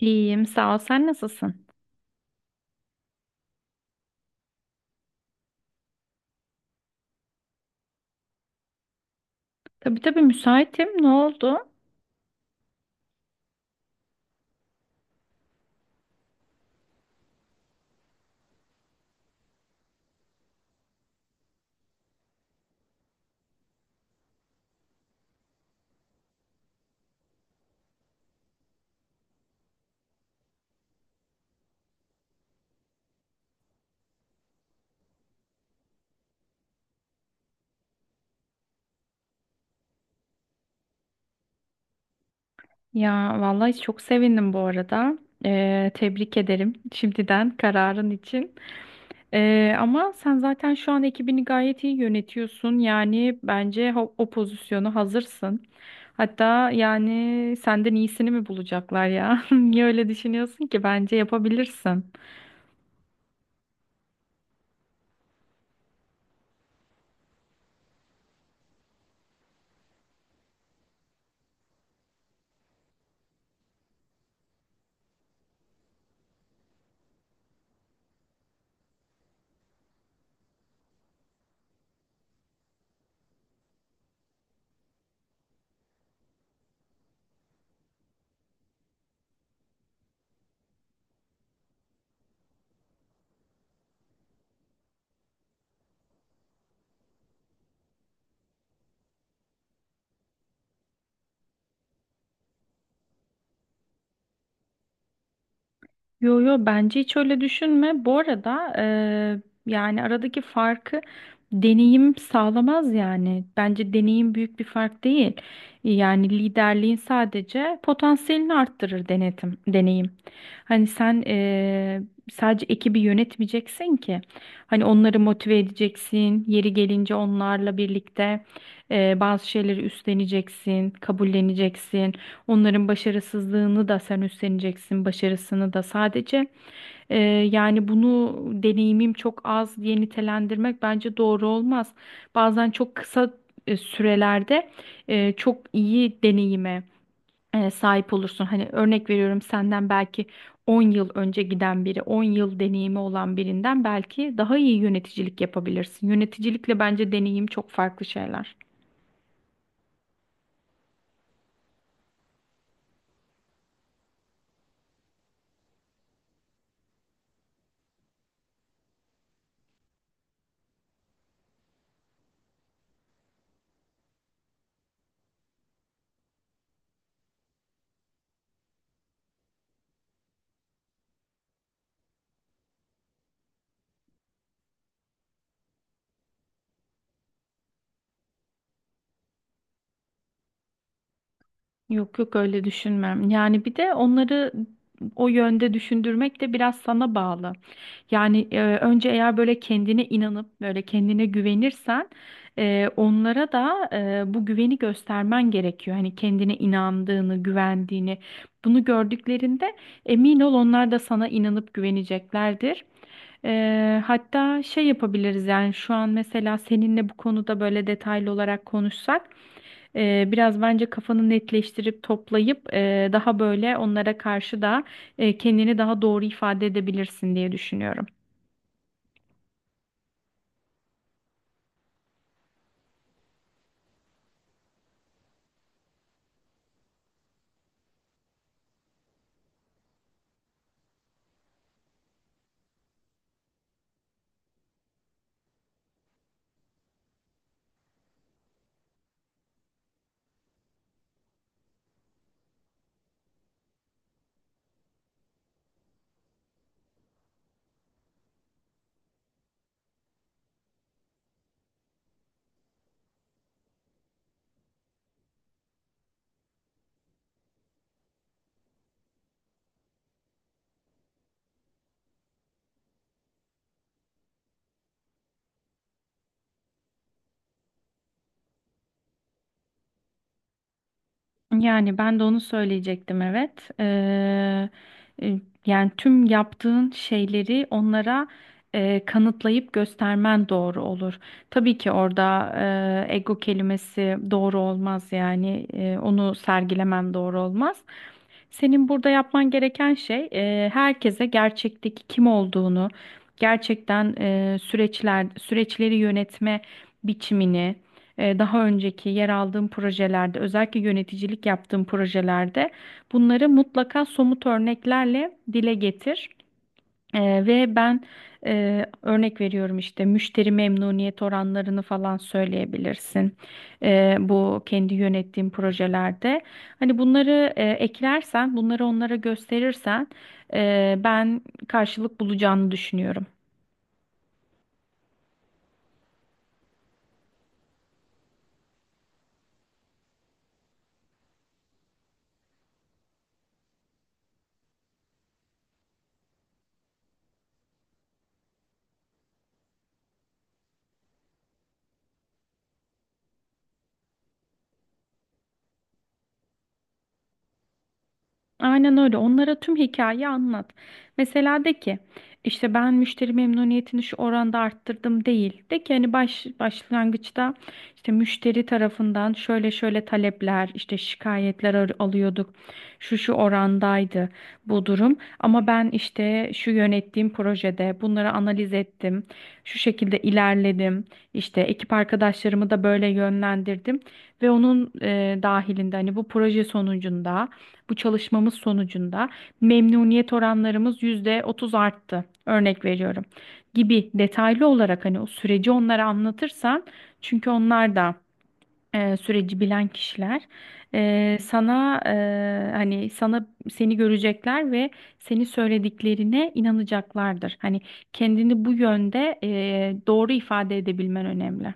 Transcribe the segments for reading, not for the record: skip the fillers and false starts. İyiyim, sağ ol. Sen nasılsın? Tabii tabii müsaitim. Ne oldu? Ya vallahi çok sevindim bu arada. Tebrik ederim şimdiden kararın için. Ama sen zaten şu an ekibini gayet iyi yönetiyorsun. Yani bence o pozisyonu hazırsın. Hatta yani senden iyisini mi bulacaklar ya? Niye öyle düşünüyorsun ki? Bence yapabilirsin. Yo yo, bence hiç öyle düşünme. Bu arada yani aradaki farkı deneyim sağlamaz yani. Bence deneyim büyük bir fark değil. Yani liderliğin sadece potansiyelini arttırır denetim, deneyim. Hani sen sadece ekibi yönetmeyeceksin ki. Hani onları motive edeceksin. Yeri gelince onlarla birlikte bazı şeyleri üstleneceksin, kabulleneceksin. Onların başarısızlığını da sen üstleneceksin, başarısını da sadece. e, Yani bunu deneyimim çok az diye nitelendirmek bence doğru olmaz. Bazen çok kısa sürelerde çok iyi deneyime sahip olursun. Hani örnek veriyorum, senden belki 10 yıl önce giden biri, 10 yıl deneyimi olan birinden belki daha iyi yöneticilik yapabilirsin. Yöneticilikle bence deneyim çok farklı şeyler. Yok yok, öyle düşünmem. Yani bir de onları o yönde düşündürmek de biraz sana bağlı. Yani önce eğer böyle kendine inanıp böyle kendine güvenirsen onlara da bu güveni göstermen gerekiyor. Hani kendine inandığını, güvendiğini bunu gördüklerinde emin ol, onlar da sana inanıp güveneceklerdir. Hatta şey yapabiliriz, yani şu an mesela seninle bu konuda böyle detaylı olarak konuşsak biraz bence kafanı netleştirip toplayıp daha böyle onlara karşı da kendini daha doğru ifade edebilirsin diye düşünüyorum. Yani ben de onu söyleyecektim, evet. E, Yani tüm yaptığın şeyleri onlara kanıtlayıp göstermen doğru olur. Tabii ki orada ego kelimesi doğru olmaz, yani onu sergilemen doğru olmaz. Senin burada yapman gereken şey herkese gerçekteki kim olduğunu, gerçekten süreçleri yönetme biçimini daha önceki yer aldığım projelerde, özellikle yöneticilik yaptığım projelerde bunları mutlaka somut örneklerle dile getir. Ve ben örnek veriyorum, işte müşteri memnuniyet oranlarını falan söyleyebilirsin. Bu kendi yönettiğim projelerde. Hani bunları eklersen, bunları onlara gösterirsen ben karşılık bulacağını düşünüyorum. Aynen öyle. Onlara tüm hikayeyi anlat. Mesela de ki, işte ben müşteri memnuniyetini şu oranda arttırdım değil. De ki hani başlangıçta işte müşteri tarafından şöyle şöyle talepler, işte şikayetler alıyorduk. Şu şu orandaydı bu durum. Ama ben işte şu yönettiğim projede bunları analiz ettim. Şu şekilde ilerledim. İşte ekip arkadaşlarımı da böyle yönlendirdim ve onun dahilinde hani bu proje sonucunda, bu çalışmamız sonucunda memnuniyet oranlarımız %30 arttı. Örnek veriyorum. Gibi detaylı olarak hani o süreci onlara anlatırsan, çünkü onlar da süreci bilen kişiler, hani seni görecekler ve senin söylediklerine inanacaklardır. Hani kendini bu yönde doğru ifade edebilmen önemli.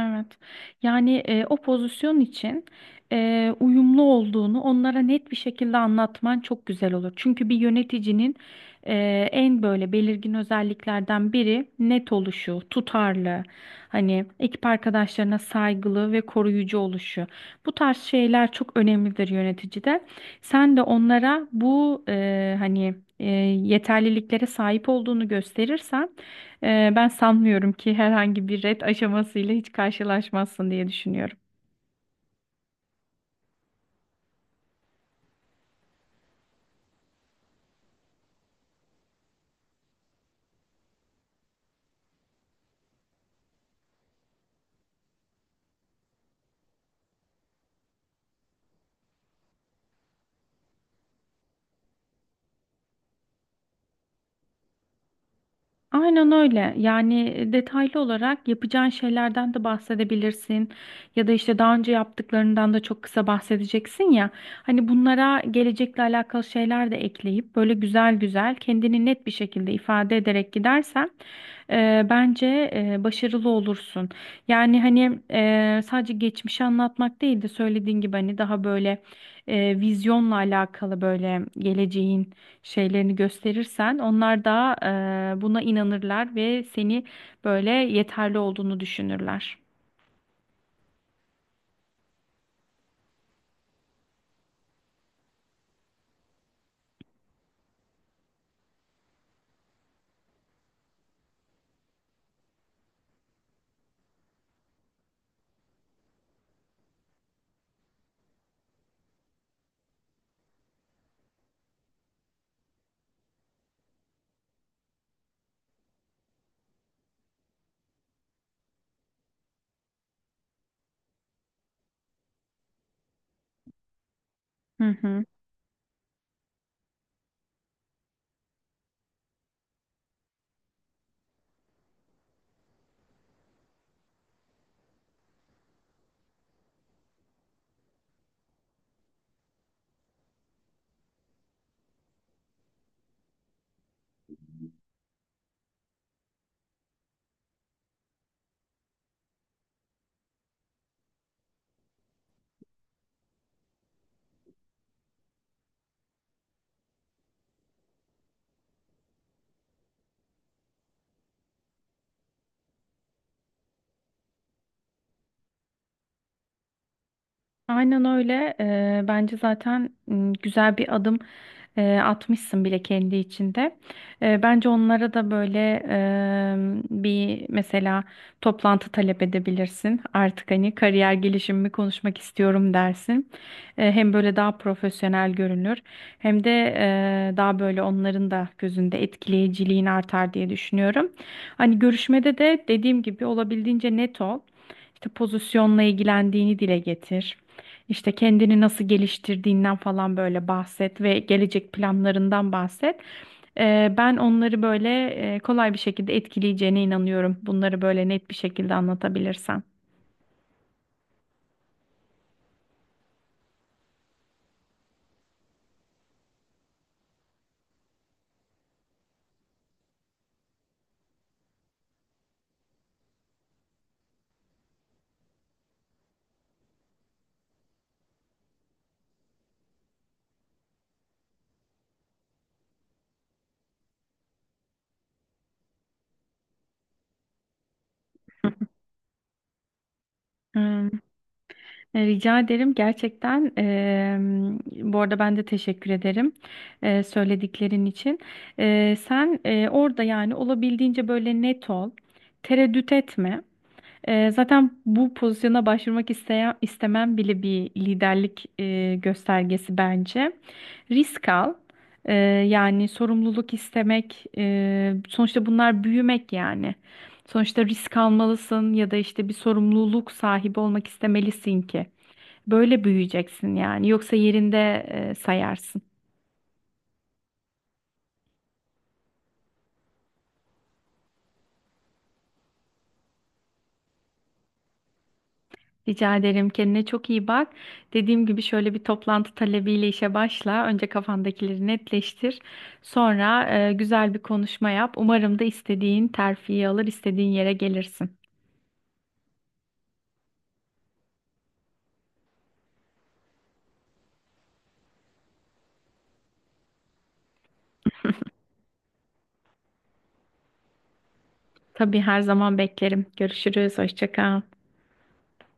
Evet. Yani o pozisyon için uyumlu olduğunu onlara net bir şekilde anlatman çok güzel olur. Çünkü bir yöneticinin e, en böyle belirgin özelliklerden biri net oluşu, tutarlı, hani ekip arkadaşlarına saygılı ve koruyucu oluşu. Bu tarz şeyler çok önemlidir yöneticide. Sen de onlara bu hani yeterliliklere sahip olduğunu gösterirsen ben sanmıyorum ki herhangi bir ret aşamasıyla hiç karşılaşmazsın diye düşünüyorum. Aynen öyle. Yani detaylı olarak yapacağın şeylerden de bahsedebilirsin. Ya da işte daha önce yaptıklarından da çok kısa bahsedeceksin ya. Hani bunlara gelecekle alakalı şeyler de ekleyip böyle güzel güzel kendini net bir şekilde ifade ederek gidersen bence başarılı olursun. Yani hani sadece geçmişi anlatmak değil de söylediğin gibi hani daha böyle vizyonla alakalı böyle geleceğin şeylerini gösterirsen onlar da buna inanırlar ve seni böyle yeterli olduğunu düşünürler. Hı hı. Aynen öyle. Bence zaten güzel bir adım atmışsın bile kendi içinde. Bence onlara da böyle bir mesela toplantı talep edebilirsin. Artık hani kariyer gelişimimi konuşmak istiyorum dersin. Hem böyle daha profesyonel görünür, hem de daha böyle onların da gözünde etkileyiciliğin artar diye düşünüyorum. Hani görüşmede de dediğim gibi olabildiğince net ol. İşte pozisyonla ilgilendiğini dile getir. İşte kendini nasıl geliştirdiğinden falan böyle bahset ve gelecek planlarından bahset. Ben onları böyle kolay bir şekilde etkileyeceğine inanıyorum. Bunları böyle net bir şekilde anlatabilirsen. Hmm, Rica ederim gerçekten. Bu arada ben de teşekkür ederim söylediklerin için. Sen orada yani olabildiğince böyle net ol, tereddüt etme. Zaten bu pozisyona başvurmak isteyen, istemem bile bir liderlik göstergesi bence. Risk al. Ee, Yani sorumluluk istemek. Sonuçta bunlar büyümek yani. Sonuçta risk almalısın ya da işte bir sorumluluk sahibi olmak istemelisin ki. Böyle büyüyeceksin yani. Yoksa yerinde sayarsın. Rica ederim. Kendine çok iyi bak. Dediğim gibi şöyle bir toplantı talebiyle işe başla. Önce kafandakileri netleştir. Sonra güzel bir konuşma yap. Umarım da istediğin terfiyi alır, istediğin yere gelirsin. Tabii her zaman beklerim. Görüşürüz. Hoşça kal.